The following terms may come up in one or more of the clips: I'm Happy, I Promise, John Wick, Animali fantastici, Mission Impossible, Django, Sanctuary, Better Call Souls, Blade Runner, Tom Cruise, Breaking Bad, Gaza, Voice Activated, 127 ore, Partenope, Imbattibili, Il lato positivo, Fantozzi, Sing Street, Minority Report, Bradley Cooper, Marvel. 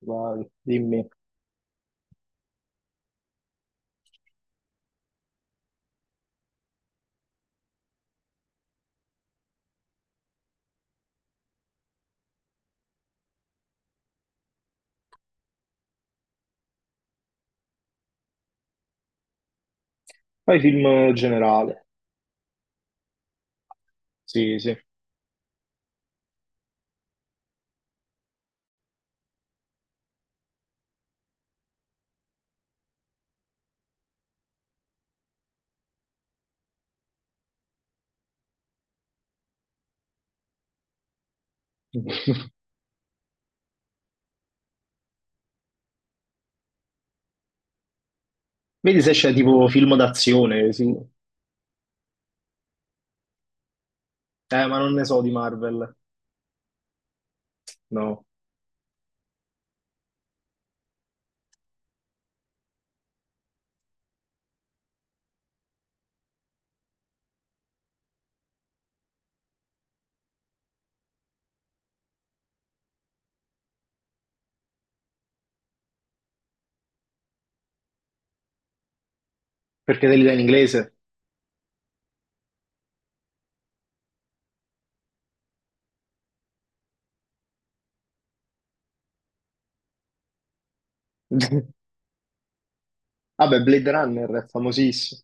Vai, dimmi. Fai film generale. Sì, sì. Vedi se c'è tipo film d'azione. Sì. Ma non ne so di Marvel. No, perché te li dai in inglese? Vabbè, Blade Runner è famosissimo.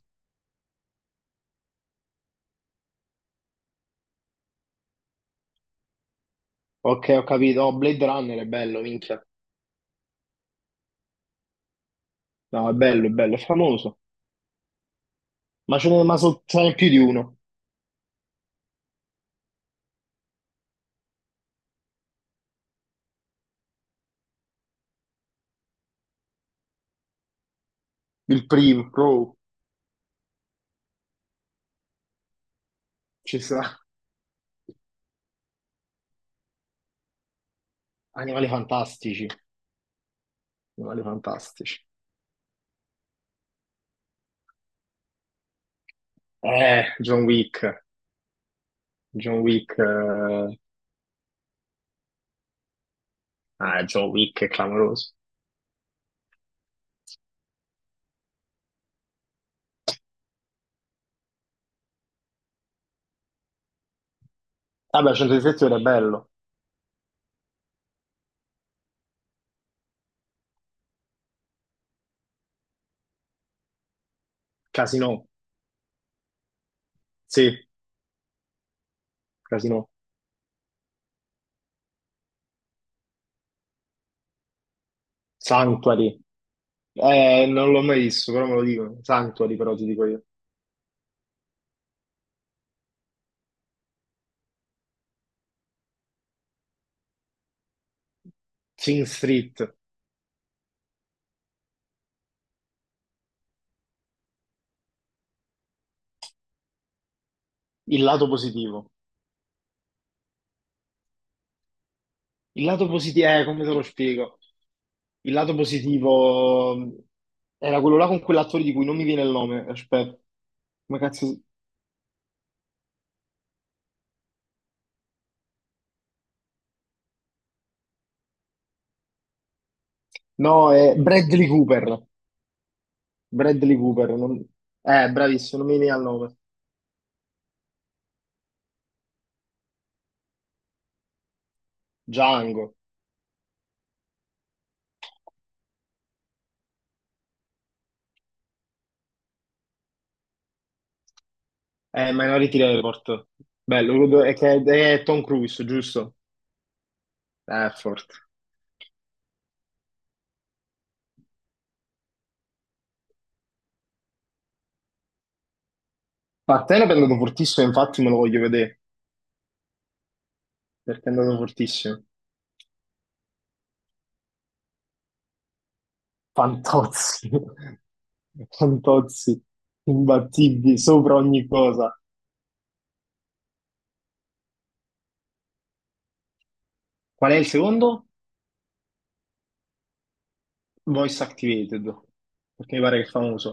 Ok, ho capito. Oh, Blade Runner è bello, minchia. No, è bello, è bello, è famoso. Ma ce ne, ma so- ce n'è più di uno. Il primo, bro. Ci sta. Animali fantastici. Animali fantastici. John Wick. John Wick. Ah, John Wick è clamoroso. Vabbè, centro di sezione è bello. Casino, sì, Casino. Sanctuary. Non l'ho mai visto, però me lo dicono. Sanctuary, però ti dico io. Sing Street, il lato positivo. Il lato positivo, come te lo spiego? Il lato positivo era quello là con quell'attore di cui non mi viene il nome. Aspetta, come cazzo? No, è Bradley Cooper. Bradley Cooper. Bravissimo, non mi viene il nome. Django. Minority Report. Bello, quello è che è Tom Cruise, giusto? Forte. Partenope è andato fortissimo, infatti me lo voglio vedere, perché è andato fortissimo. Fantozzi. Fantozzi. Imbattibili, sopra ogni cosa. Qual è il secondo? Voice Activated, perché mi pare che è famoso.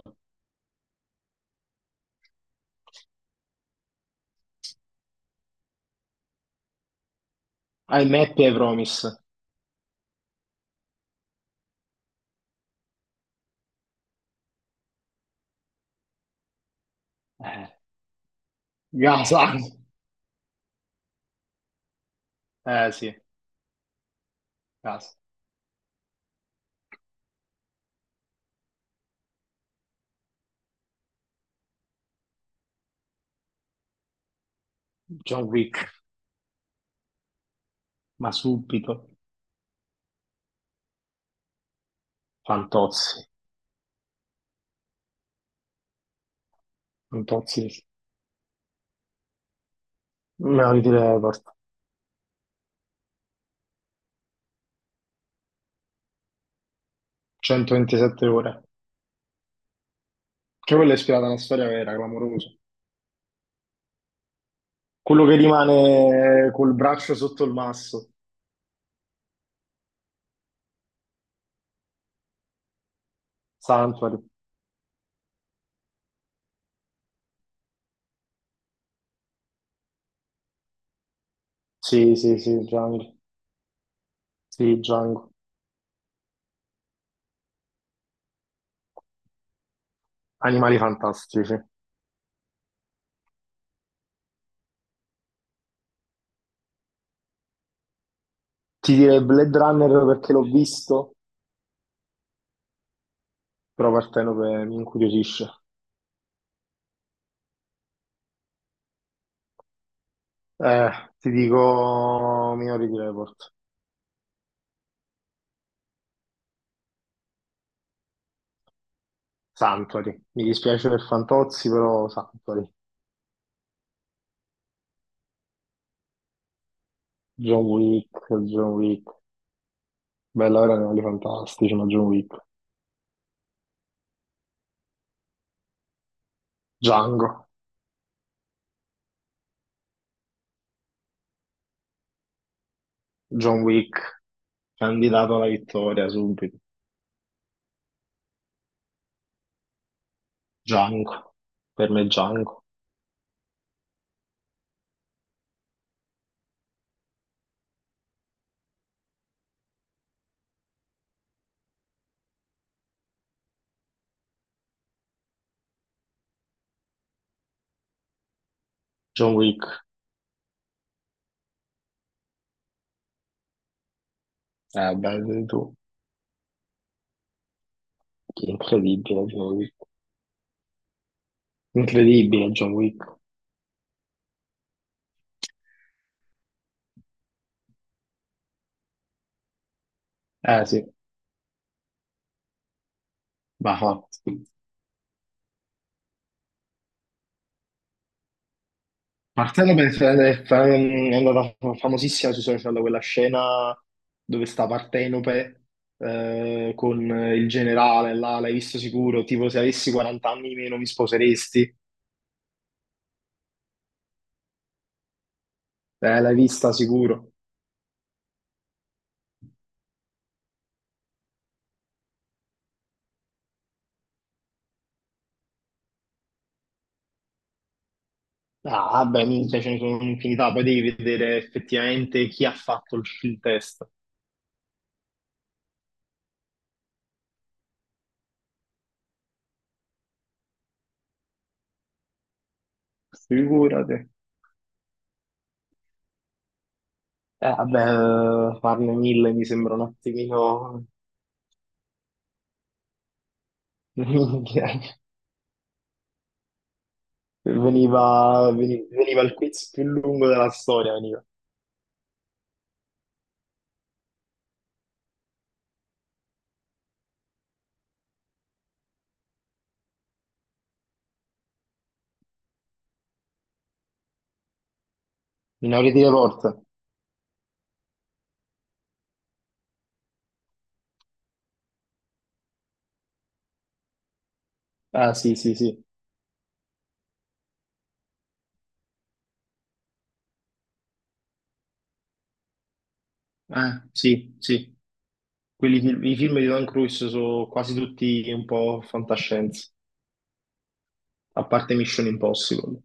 I'm Happy, I Promise. Eh, Gaza. Eh sì, Gaza. John Wick, ma subito. Fantozzi. Fantozzi. Me lo ritirerei. 127 ore. Che quella è ispirata a una storia vera, clamorosa. Quello che rimane col braccio sotto il masso. Sanctuary. Sì, sì, sì, Django. Sì, Django. Animali fantastici. Ti direi Blade Runner perché l'ho visto, però Partenope mi incuriosisce. Eh, ti dico Minority Report. Sanctuary. Mi dispiace per Fantozzi, però Sanctuary. John Wick, John Wick. Bella era Animali fantastici, ma John Wick. Django. John Wick. Candidato alla vittoria subito. Django. Per me Django. John Wick. Beh, vedi tu. Incredibile John Wick. Incredibile John Wick. Eh sì, va fatto. Partendo per è andata famosissima sui social quella scena dove sta Partenope con il generale là, l'hai visto sicuro? Tipo se avessi 40 anni di meno mi sposeresti. L'hai vista sicuro. Ah, beh, minchia, ce ne sono un'infinità, poi devi vedere effettivamente chi ha fatto il test. Figurati. Vabbè, farne 1.000 mi sembra un attimino. Minchia. Veniva il quiz più lungo della storia, veniva. Minority Report. Ah, sì, sì, sì. Sì, sì. I film di Tom Cruise sono quasi tutti un po' fantascienza, a parte Mission Impossible.